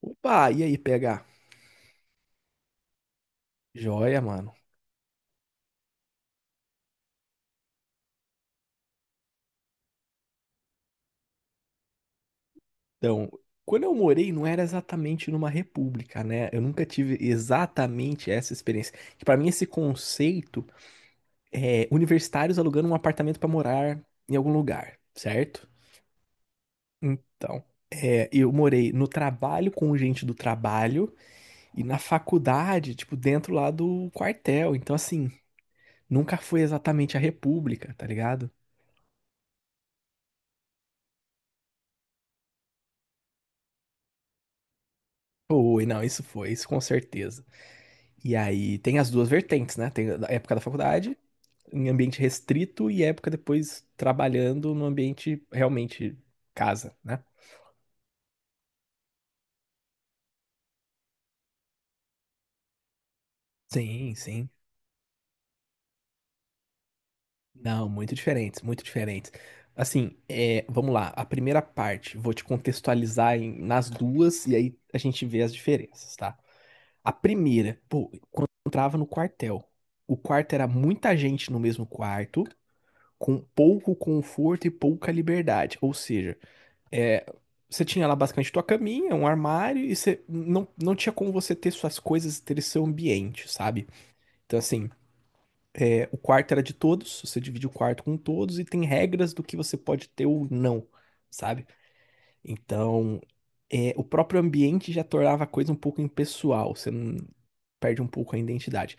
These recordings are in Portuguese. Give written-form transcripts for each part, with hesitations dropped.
Opa, e aí, PH? Joia, mano. Então, quando eu morei, não era exatamente numa república, né? Eu nunca tive exatamente essa experiência. Que para mim, esse conceito é universitários alugando um apartamento para morar em algum lugar, certo? Então, eu morei no trabalho com gente do trabalho e na faculdade, tipo, dentro lá do quartel. Então, assim, nunca foi exatamente a república, tá ligado? Foi, não, isso foi, isso com certeza. E aí tem as duas vertentes, né? Tem a época da faculdade, em ambiente restrito, e época depois trabalhando no ambiente realmente casa, né? Sim, sim. Não, muito diferentes, muito diferentes. Assim, vamos lá. A primeira parte, vou te contextualizar nas duas e aí a gente vê as diferenças, tá? A primeira, pô, quando eu entrava no quartel, o quarto era muita gente no mesmo quarto, com pouco conforto e pouca liberdade. Ou seja, É, você tinha lá basicamente tua caminha, um armário, e você não, não tinha como você ter suas coisas, ter seu ambiente, sabe? Então, assim, o quarto era de todos, você divide o quarto com todos, e tem regras do que você pode ter ou não, sabe? Então, o próprio ambiente já tornava a coisa um pouco impessoal, você não perde um pouco a identidade.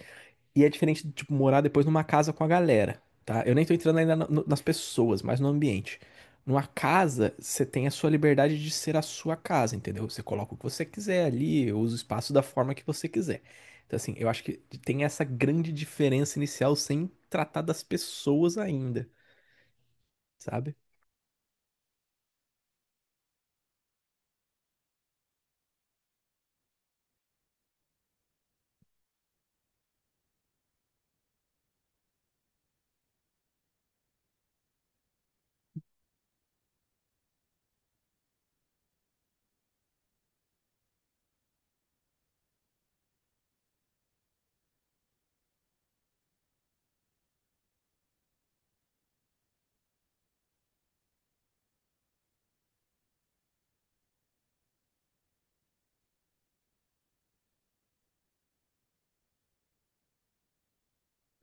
E é diferente de, tipo, morar depois numa casa com a galera, tá? Eu nem tô entrando ainda nas pessoas, mas no ambiente. Numa casa, você tem a sua liberdade de ser a sua casa, entendeu? Você coloca o que você quiser ali, usa o espaço da forma que você quiser. Então, assim, eu acho que tem essa grande diferença inicial sem tratar das pessoas ainda, sabe?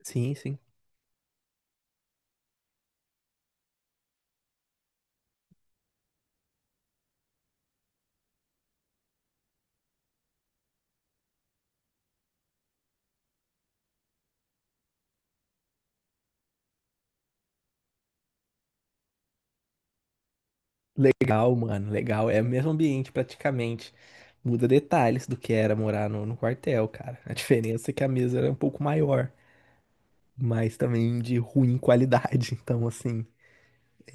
Sim, sim. Legal, mano, legal. É o mesmo ambiente praticamente. Muda detalhes do que era morar no quartel, cara. A diferença é que a mesa era um pouco maior, mas também de ruim qualidade. Então, assim,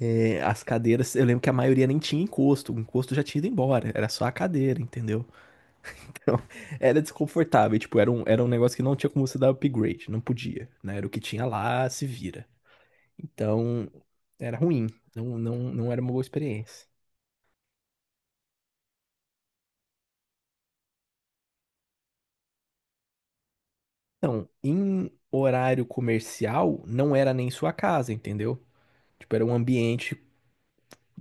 as cadeiras, eu lembro que a maioria nem tinha encosto, o encosto já tinha ido embora, era só a cadeira, entendeu? Então, era desconfortável, tipo, era um negócio que não tinha como você dar upgrade, não podia, né? Era o que tinha lá, se vira. Então, era ruim, não era uma boa experiência. Então, em horário comercial, não era nem sua casa, entendeu? Tipo, era um ambiente,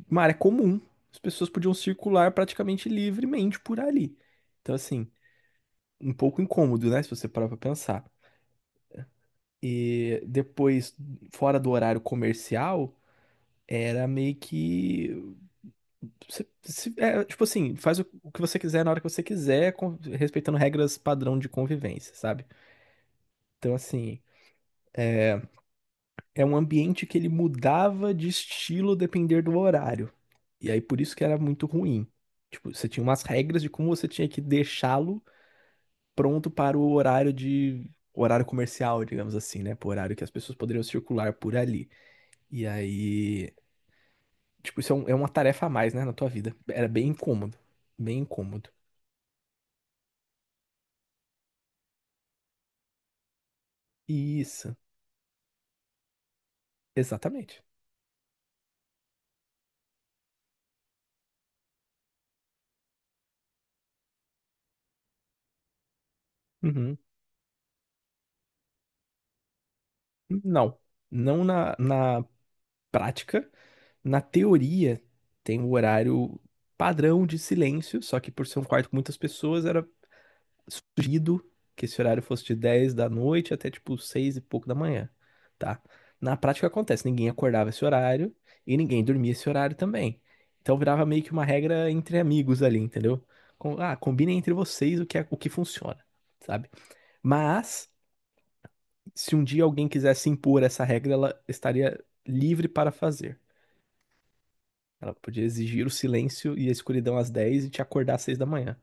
uma área comum. As pessoas podiam circular praticamente livremente por ali. Então, assim, um pouco incômodo, né? Se você parar pra pensar. E depois, fora do horário comercial, era meio que tipo assim, faz o que você quiser na hora que você quiser, respeitando regras padrão de convivência, sabe? Então, assim, é um ambiente que ele mudava de estilo depender do horário. E aí, por isso que era muito ruim. Tipo, você tinha umas regras de como você tinha que deixá-lo pronto para o horário de horário comercial, digamos assim, né? Pro horário que as pessoas poderiam circular por ali. E aí, tipo, é uma tarefa a mais, né, na tua vida. Era bem incômodo, bem incômodo. Isso, exatamente. Uhum. Não, na prática, na teoria tem o horário padrão de silêncio, só que por ser um quarto com muitas pessoas, era sugerido que esse horário fosse de 10 da noite até tipo 6 e pouco da manhã, tá? Na prática acontece, ninguém acordava esse horário e ninguém dormia esse horário também. Então virava meio que uma regra entre amigos ali, entendeu? Combinem entre vocês o que funciona, sabe? Mas se um dia alguém quisesse impor essa regra, ela estaria livre para fazer. Ela podia exigir o silêncio e a escuridão às 10 e te acordar às 6 da manhã.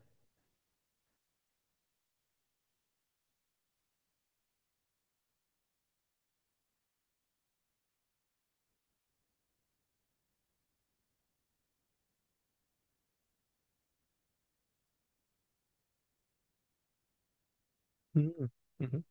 Hum, uhum,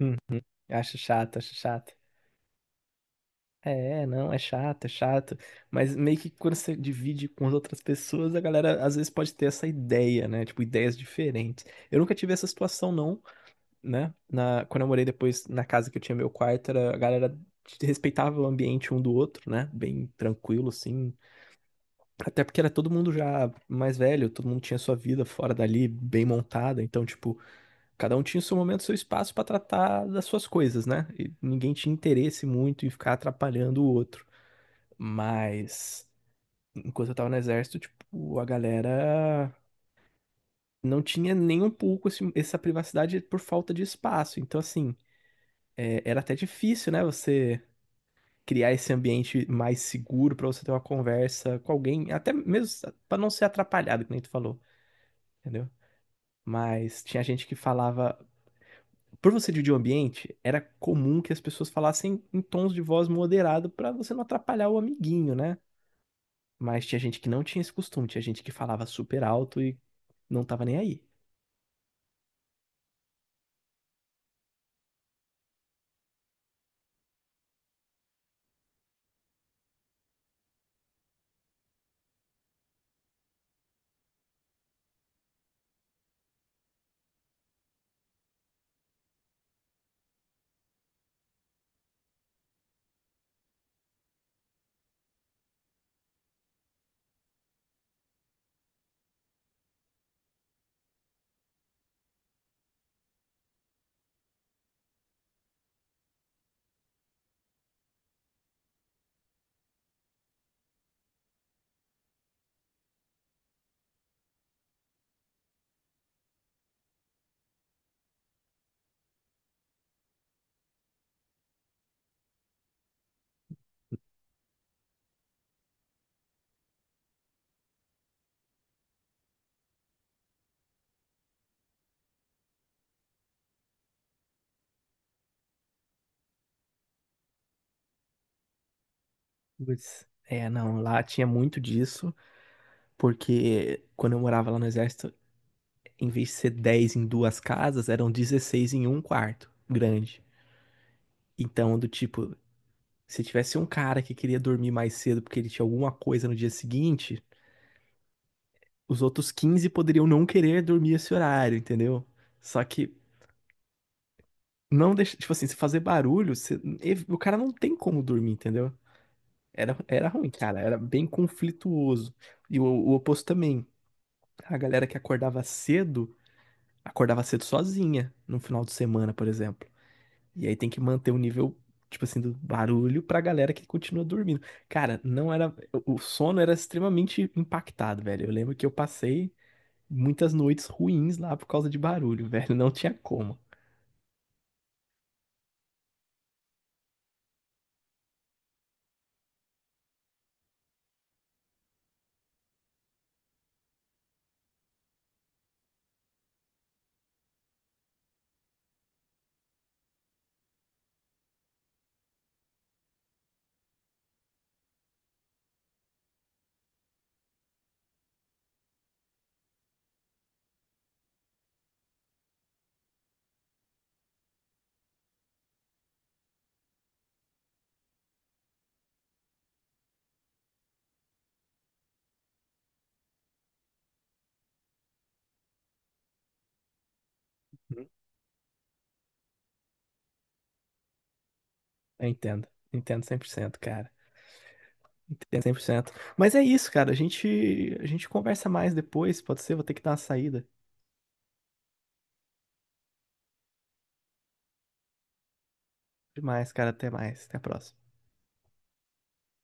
uhum. Acho chato, acho chato. É, não, é chato, é chato. Mas meio que quando você divide com as outras pessoas, a galera às vezes pode ter essa ideia, né? Tipo, ideias diferentes. Eu nunca tive essa situação, não, né? Quando eu morei depois na casa que eu tinha meu quarto, a galera respeitava o ambiente um do outro, né? Bem tranquilo, assim. Até porque era todo mundo já mais velho, todo mundo tinha sua vida fora dali, bem montada. Então, tipo, cada um tinha o seu momento, o seu espaço pra tratar das suas coisas, né? E ninguém tinha interesse muito em ficar atrapalhando o outro. Mas enquanto eu tava no exército, tipo, a galera não tinha nem um pouco essa privacidade por falta de espaço. Então, assim, era até difícil, né? Você criar esse ambiente mais seguro pra você ter uma conversa com alguém, até mesmo pra não ser atrapalhado, que nem tu falou, entendeu? Mas tinha gente que falava. Por você dividir o ambiente, era comum que as pessoas falassem em tons de voz moderado pra você não atrapalhar o amiguinho, né? Mas tinha gente que não tinha esse costume, tinha gente que falava super alto e não tava nem aí. Putz. É, não, lá tinha muito disso, porque quando eu morava lá no exército, em vez de ser 10 em 2 casas, eram 16 em um quarto grande. Então, do tipo, se tivesse um cara que queria dormir mais cedo porque ele tinha alguma coisa no dia seguinte, os outros 15 poderiam não querer dormir esse horário, entendeu? Só que não deixa, tipo assim, se fazer barulho, o cara não tem como dormir, entendeu? Era ruim, cara. Era bem conflituoso. E o oposto também. A galera que acordava cedo sozinha no final de semana, por exemplo. E aí tem que manter o nível, tipo assim, do barulho pra galera que continua dormindo. Cara, não era. O sono era extremamente impactado, velho. Eu lembro que eu passei muitas noites ruins lá por causa de barulho, velho. Não tinha como. Uhum. Eu entendo. Entendo 100%, cara. Entendo 100%. Mas é isso, cara. A gente conversa mais depois, pode ser? Vou ter que dar uma saída. Demais, cara. Até mais. Até a próxima.